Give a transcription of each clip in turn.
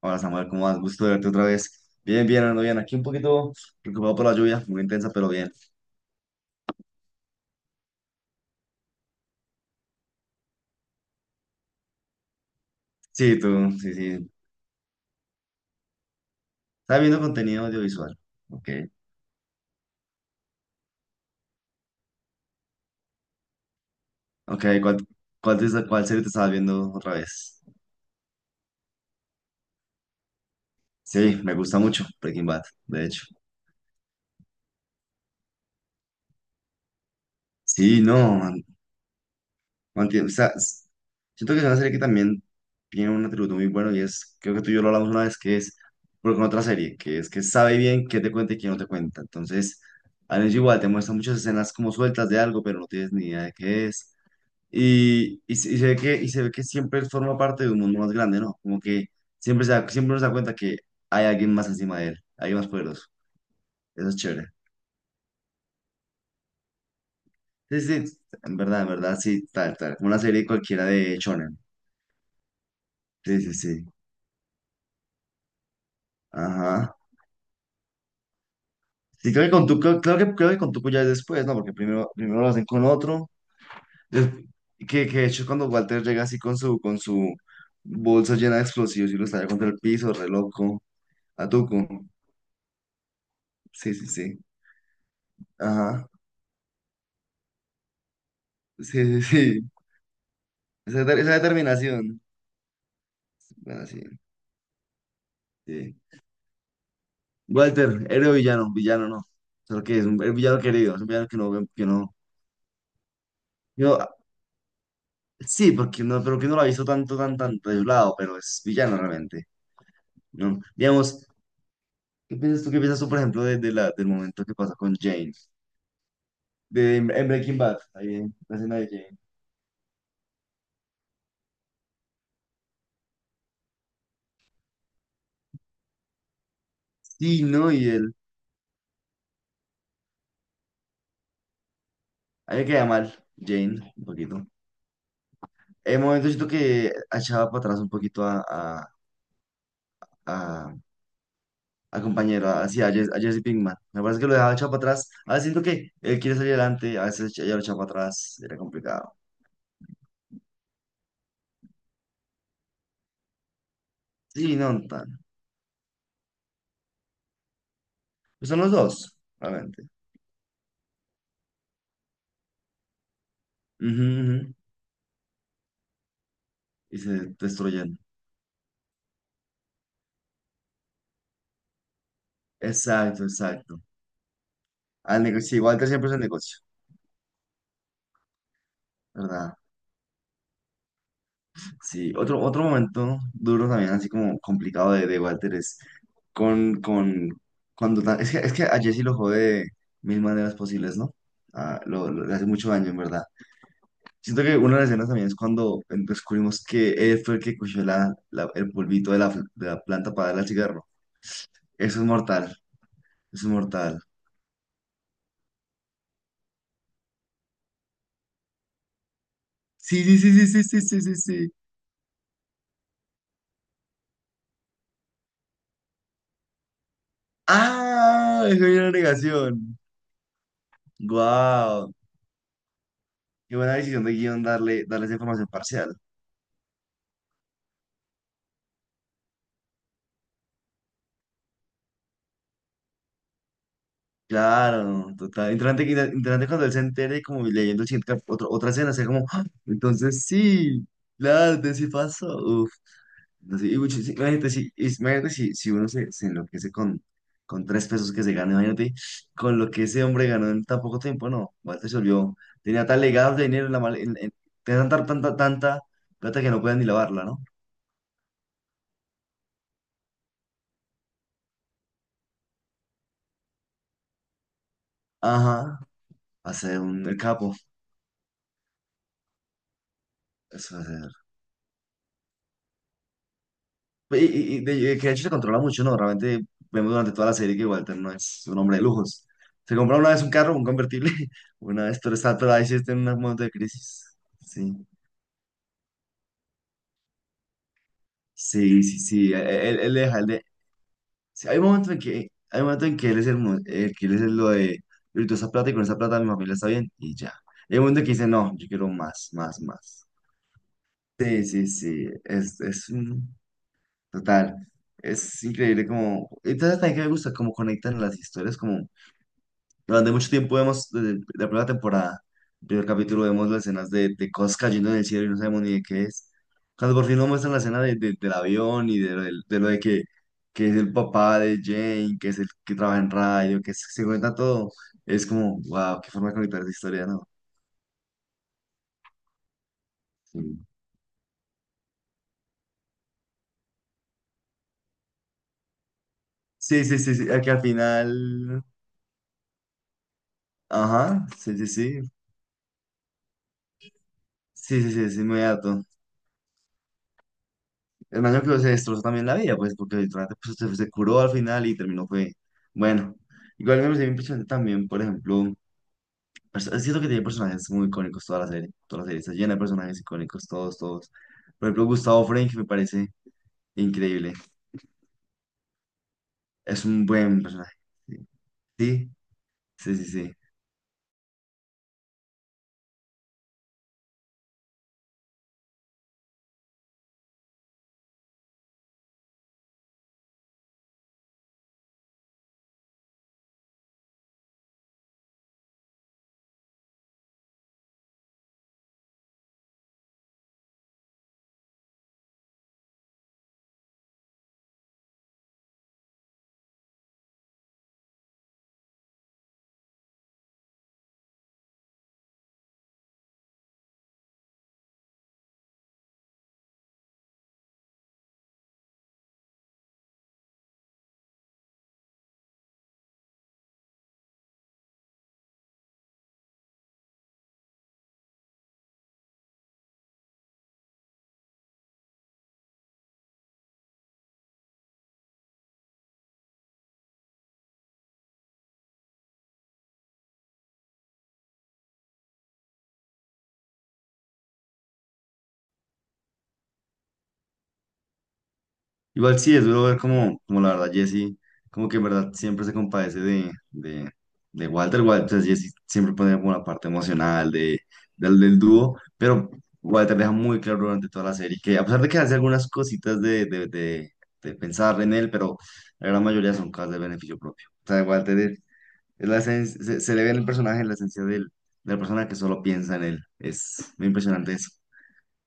Hola Samuel, ¿cómo vas? Gusto de verte otra vez. Bien, bien, ando bien. Aquí un poquito preocupado por la lluvia, muy intensa, pero bien. Sí, tú, sí, sí. Estaba viendo contenido audiovisual. Ok. Ok, ¿cuál serie te estabas viendo otra vez? Sí, me gusta mucho Breaking Bad, de hecho. Sí, no, no entiendo, o sea, siento que es una serie que también tiene un atributo muy bueno y es, creo que tú y yo lo hablamos una vez, que es, porque con otra serie, que es que sabe bien qué te cuenta y qué no te cuenta. Entonces, a veces igual te muestra muchas escenas como sueltas de algo, pero no tienes ni idea de qué es. Y se ve que, y se ve que siempre forma parte de un mundo más grande, ¿no? Como que siempre, siempre nos da cuenta que hay alguien más encima de él, alguien más poderoso. Eso es chévere. Sí, sí, en verdad, sí, tal, tal, como una serie cualquiera de Shonen. Sí, sí, sí. Ajá. Sí, creo que con tu, creo, creo que con Tuco ya es después, ¿no? Porque primero, primero lo hacen con otro. des- que de hecho cuando Walter llega así con su bolsa llena de explosivos y lo estalla contra el piso, re loco. A Tuco. Sí, sí, sí. Ajá. Sí, sí, sí. Esa, esa determinación. Bueno, sí, sí. Walter, héroe o villano, villano no. Solo que es un, el villano querido, es un villano que no, que no. Yo, sí, porque no, pero que no lo ha visto tanto, tan, tan de un lado, pero es villano realmente. ¿No? Digamos. ¿Qué piensas tú? ¿Qué piensas tú, por ejemplo, de la, del momento que pasa con Jane? De, en Breaking Bad, ahí en la escena de Jane. Sí, ¿no? Y él, a mí me queda mal, Jane, un poquito. En el momento siento que echaba para atrás un poquito a, a compañero, así, a, a Jesse Pinkman. Me parece que lo dejaba echado para atrás. A veces siento que él quiere salir adelante, a veces ella lo echaba para atrás, era complicado. Sí, no, tan. Pues son los dos, realmente. Ujú, ujú. Y se destruyen. Exacto, exacto. Al negocio, igual Walter siempre es el negocio, ¿verdad? Sí, otro, otro momento duro también, así como complicado de Walter, es con cuando es que a Jesse lo jode de mil maneras posibles, ¿no? Ah, le hace mucho daño, en verdad. Siento que una de las escenas también es cuando descubrimos que él fue el que cogió el polvito de la, de la planta para darle al cigarro. Eso es mortal, eso es mortal. Sí, sí, sí, sí, sí, sí, sí, sí, sí. ¡Ah! Eso era una negación. ¡Guau! Qué buena decisión de guión darle, darle esa información parcial. Claro, total. Interesante, interesante cuando él se entere, como leyendo el siguiente otra escena, sea como, "Ah, entonces sí, claro, entonces sí pasó. Uf, así, sí, imagínate, si, imagínate si, si uno se, se enloquece con tres pesos que se gana, imagínate con lo que ese hombre ganó en tan poco tiempo, no, Walter se volvió, tenía tal legado de dinero en la tenía tanta, tanta, tanta plata que no pueden ni lavarla, ¿no? Ajá, va a ser un, el capo, eso. Pues, que de hecho se controla mucho, ¿no? Realmente vemos durante toda la serie que Walter no es un hombre de lujos. Se compra una vez un carro, un convertible, una vez todo está atorado ahí sí está en un momento de crisis. Sí, sí, sí, sí. Él, él deja, él de... sí, hay un momento en que, hay un momento en que él es el, que él es lo de, yo esa plata y con esa plata mi familia está bien y ya. Hay un momento en que dice, no, yo quiero más, más, más. Sí, sí, sí, es un, total, es increíble como, entonces también que me gusta cómo conectan las historias como durante mucho tiempo vemos, la primera temporada, el primer capítulo, vemos las escenas de cosas cayendo en el cielo y no sabemos ni de qué es. Cuando por fin nos muestran la escena del avión y de, de lo de que es el papá de Jane, que es el que trabaja en radio, que se cuenta todo, es como, wow, qué forma de conectar esa historia, ¿no? Sí, sí, sí, sí, sí, a que al final, ajá, sí, sí, sí, sí, sí, sí, es inmediato. El man creo que se destrozó también la vida, pues, porque literalmente pues, se curó al final y terminó, fue, bueno. Igual me pareció impresionante también, por ejemplo, es cierto que tiene personajes muy icónicos toda la serie está llena de personajes icónicos, todos, todos. Por ejemplo, Gustavo Fring me parece increíble, es un buen personaje. Sí, sí, sí, sí. Sí. Igual sí, es duro ver como, como la verdad Jesse, como que en verdad siempre se compadece de Walter. Walter, Jesse siempre pone como la parte emocional de, del, del dúo, pero Walter deja muy claro durante toda la serie que a pesar de que hace algunas cositas de pensar en él, pero la gran mayoría son cosas de beneficio propio. O sea, Walter es, se, se le ve en el personaje, en la esencia del, de la persona que solo piensa en él. Es muy impresionante eso.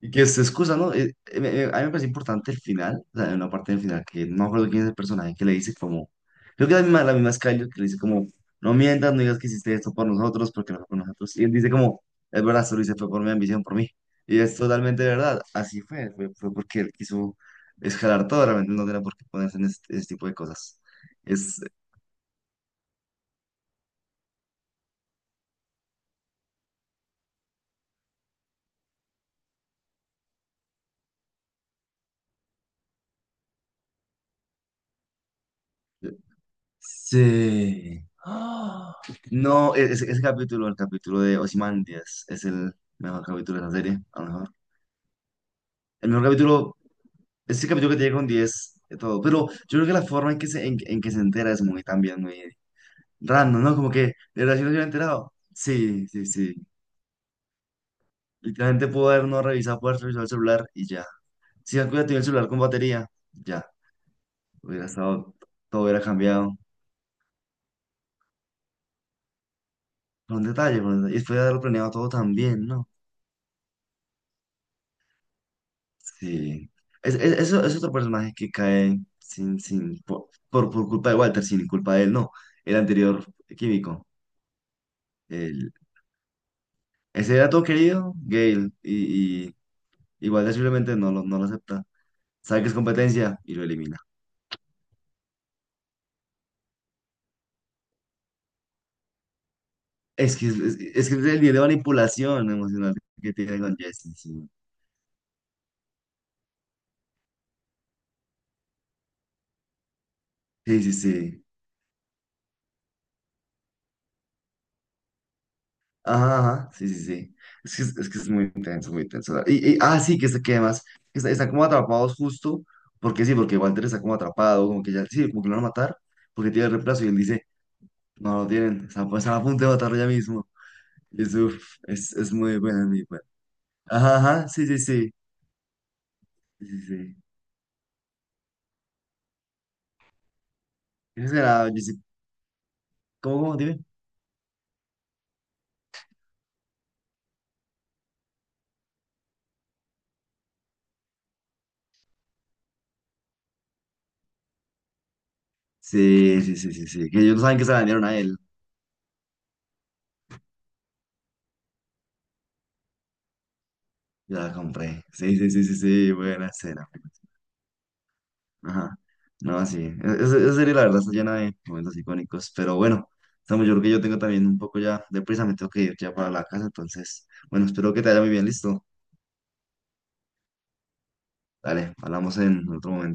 Y que se excusa, ¿no? A mí me parece importante el final, o sea, hay una parte del final que no me acuerdo quién es el personaje que le dice como, creo que la misma es que le dice como, no mientas, no digas que hiciste esto por nosotros, porque no fue por nosotros. Y él dice como, es verdad, solo hice fue por mi ambición, por mí. Y es totalmente verdad, así fue, fue, fue porque él quiso escalar todo, realmente no tenía por qué ponerse en este, este tipo de cosas. Es, eh, sí. No, ese, ese capítulo, el capítulo de Ozymandias, es el mejor capítulo de la serie, a lo mejor. El mejor capítulo, ese capítulo que te llega con 10 de todo. Pero yo creo que la forma en que se entera es muy también muy random, ¿no? Como que, ¿de verdad yo no me había enterado? Sí, sí, sí. Literalmente pudo haber no revisado, poder revisar el celular y ya. Si no hubiera tenido el celular con batería, ya. Hubiera estado, todo hubiera cambiado. Por un detalle, por un detalle. Y después de haberlo planeado todo también, ¿no? Sí. Es, es otro personaje que cae sin, sin, por culpa de Walter, sin culpa de él, no. El anterior químico. Ese era todo querido, Gale, y igual simplemente no lo, no lo acepta. Sabe que es competencia y lo elimina. Es que es, es que es el nivel de manipulación emocional que tiene con Jesse, sí. Sí, sí, sí. Ajá, ajá, sí, sí, sí. Es que es muy intenso, muy intenso. Y, ah, sí, que, que además está, están como atrapados justo, porque sí, porque Walter está como atrapado, como que ya, sí, como que lo van a matar, porque tiene el reemplazo y él dice, no lo tienen, están, están a punto de matarlo ya mismo. Y es, uf, es muy bueno, muy bueno. Ajá, ajá, sí, sí, sí. Sí, sí, sí. Ese será, yo sí. ¿Cómo, cómo? Dime. Sí, sí, sí, sí, sí. Que ellos no saben que se la vendieron a él. Yo la compré. Sí, sí, sí, sí, sí. Buena escena, pues. Ajá. No, sí. Esa serie, la verdad, está llena de momentos icónicos. Pero bueno, estamos, yo creo que yo tengo también un poco ya de prisa. Me tengo que ir ya para la casa. Entonces, bueno, espero que te vaya muy bien. Listo. Dale, hablamos en otro momento.